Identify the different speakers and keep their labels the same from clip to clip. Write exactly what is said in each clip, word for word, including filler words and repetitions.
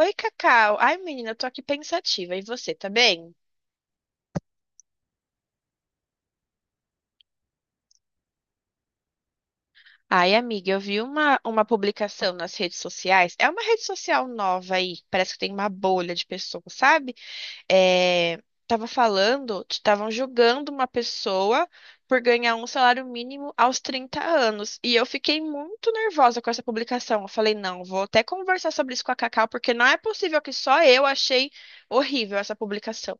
Speaker 1: Oi, Cacau. Ai, menina, eu tô aqui pensativa. E você, tá bem? Ai, amiga, eu vi uma, uma publicação nas redes sociais. É uma rede social nova aí. Parece que tem uma bolha de pessoas, sabe? É, tava falando, estavam julgando uma pessoa por ganhar um salário mínimo aos trinta anos. E eu fiquei muito nervosa com essa publicação. Eu falei, não, vou até conversar sobre isso com a Cacau, porque não é possível que só eu achei horrível essa publicação.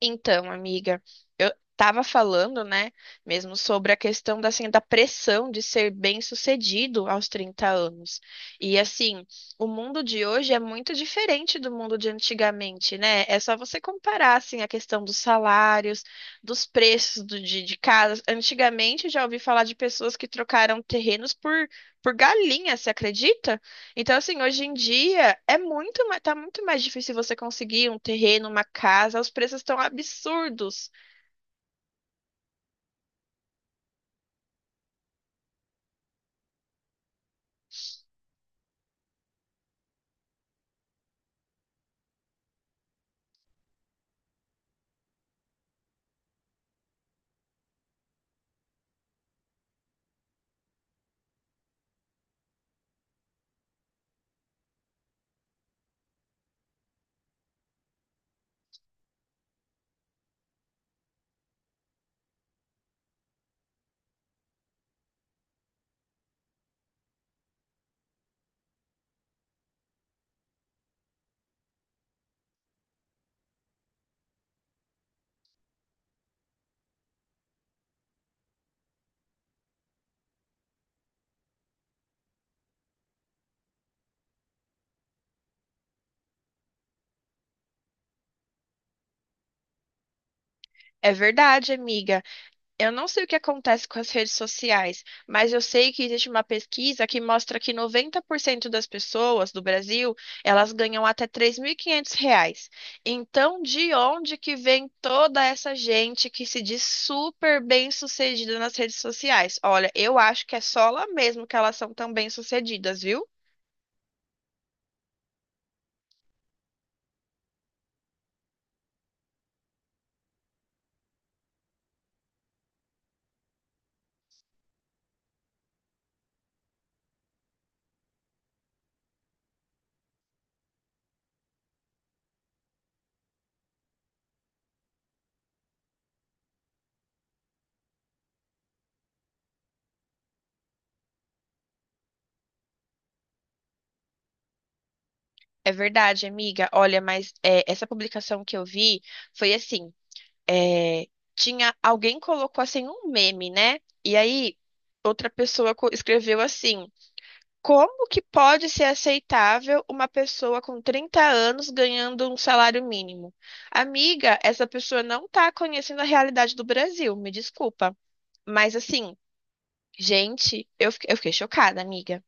Speaker 1: Então, amiga, eu estava falando, né, mesmo sobre a questão da, assim, da pressão de ser bem-sucedido aos trinta anos. E assim, o mundo de hoje é muito diferente do mundo de antigamente, né? É só você comparar assim a questão dos salários, dos preços do, de, de casas. Antigamente eu já ouvi falar de pessoas que trocaram terrenos por por galinha, você acredita? Então, assim, hoje em dia é muito, ma- tá muito mais difícil você conseguir um terreno, uma casa, os preços estão absurdos. É verdade, amiga. Eu não sei o que acontece com as redes sociais, mas eu sei que existe uma pesquisa que mostra que noventa por cento das pessoas do Brasil, elas ganham até três mil e quinhentos reais. Então, de onde que vem toda essa gente que se diz super bem-sucedida nas redes sociais? Olha, eu acho que é só lá mesmo que elas são tão bem-sucedidas, viu? É verdade, amiga. Olha, mas é, essa publicação que eu vi foi assim: é, tinha alguém colocou assim um meme, né? E aí outra pessoa co- escreveu assim: como que pode ser aceitável uma pessoa com trinta anos ganhando um salário mínimo? Amiga, essa pessoa não tá conhecendo a realidade do Brasil, me desculpa. Mas assim, gente, eu, fiquei- eu fiquei chocada, amiga.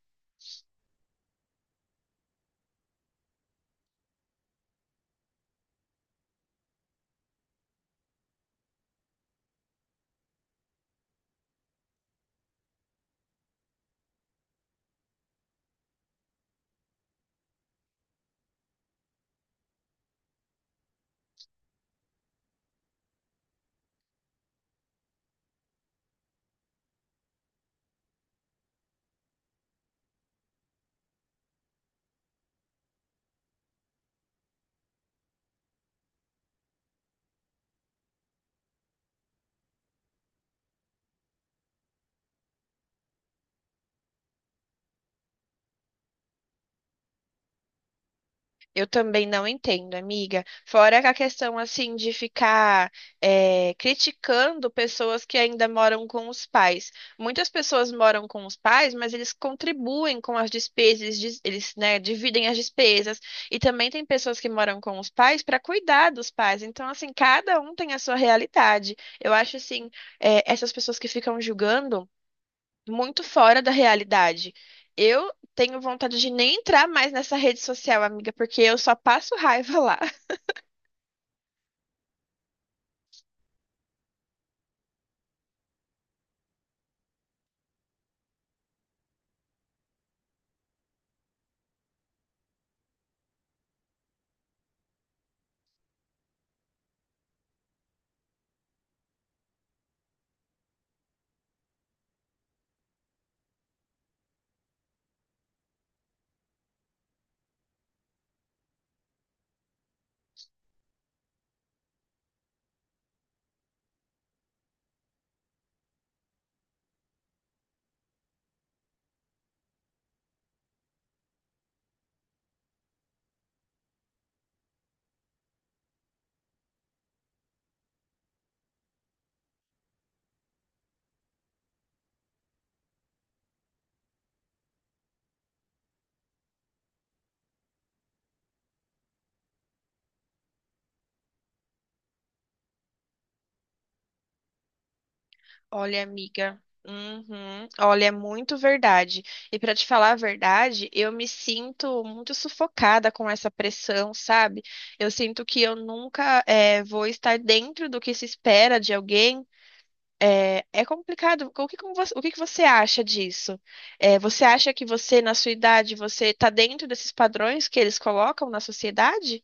Speaker 1: Eu também não entendo, amiga. Fora que a questão assim de ficar eh, criticando pessoas que ainda moram com os pais. Muitas pessoas moram com os pais, mas eles contribuem com as despesas, eles, dis- eles, né, dividem as despesas. E também tem pessoas que moram com os pais para cuidar dos pais. Então, assim, cada um tem a sua realidade. Eu acho assim, eh, essas pessoas que ficam julgando muito fora da realidade. Eu tenho vontade de nem entrar mais nessa rede social, amiga, porque eu só passo raiva lá. Olha, amiga. Uhum. Olha, é muito verdade. E para te falar a verdade, eu me sinto muito sufocada com essa pressão, sabe? Eu sinto que eu nunca eh, vou estar dentro do que se espera de alguém. É, é complicado. O que, como você, o que que você acha disso? É, você acha que você, na sua idade, você está dentro desses padrões que eles colocam na sociedade?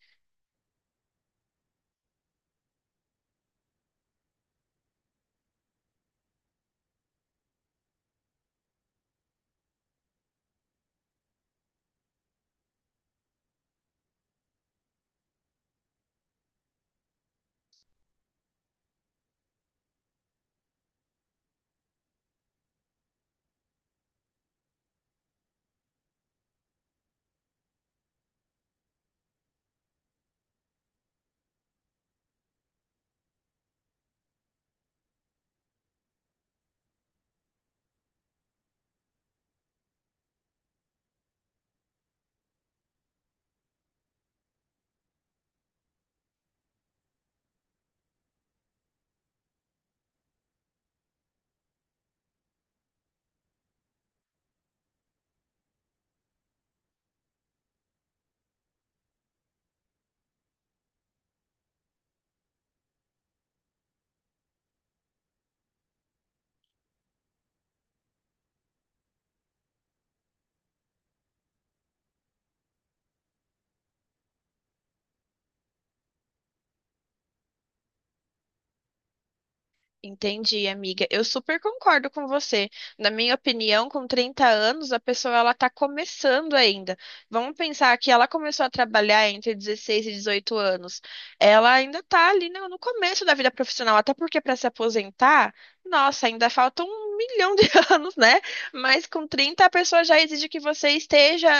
Speaker 1: Entendi, amiga. Eu super concordo com você. Na minha opinião, com trinta anos, a pessoa ela está começando ainda. Vamos pensar que ela começou a trabalhar entre dezesseis e dezoito anos. Ela ainda está ali no, no começo da vida profissional, até porque para se aposentar, nossa, ainda falta um milhão de anos, né? Mas com trinta, a pessoa já exige que você esteja,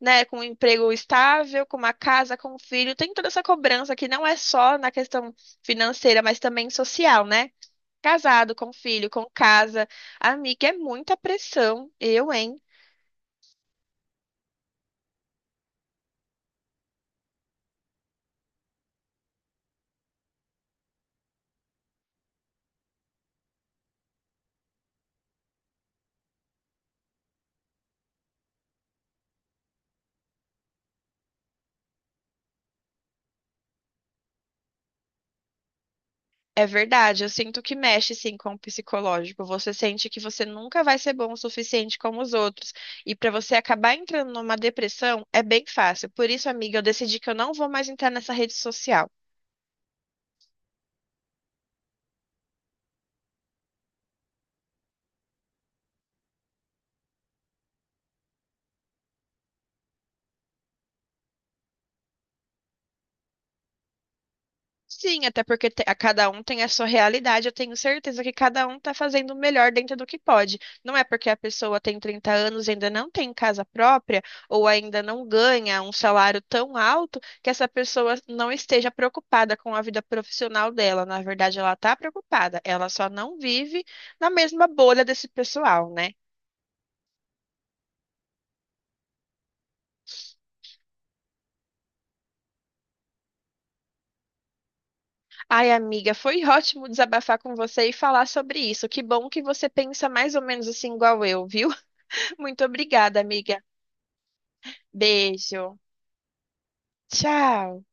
Speaker 1: né, com um emprego estável, com uma casa, com um filho. Tem toda essa cobrança que não é só na questão financeira, mas também social, né? Casado, com filho, com casa. Amiga, é muita pressão. Eu, hein? É verdade, eu sinto que mexe sim com o psicológico. Você sente que você nunca vai ser bom o suficiente como os outros. E para você acabar entrando numa depressão é bem fácil. Por isso, amiga, eu decidi que eu não vou mais entrar nessa rede social. Sim, até porque te- a cada um tem a sua realidade. Eu tenho certeza que cada um está fazendo o melhor dentro do que pode. Não é porque a pessoa tem trinta anos e ainda não tem casa própria ou ainda não ganha um salário tão alto que essa pessoa não esteja preocupada com a vida profissional dela. Na verdade, ela está preocupada. Ela só não vive na mesma bolha desse pessoal, né? Ai, amiga, foi ótimo desabafar com você e falar sobre isso. Que bom que você pensa mais ou menos assim igual eu, viu? Muito obrigada, amiga. Beijo. Tchau.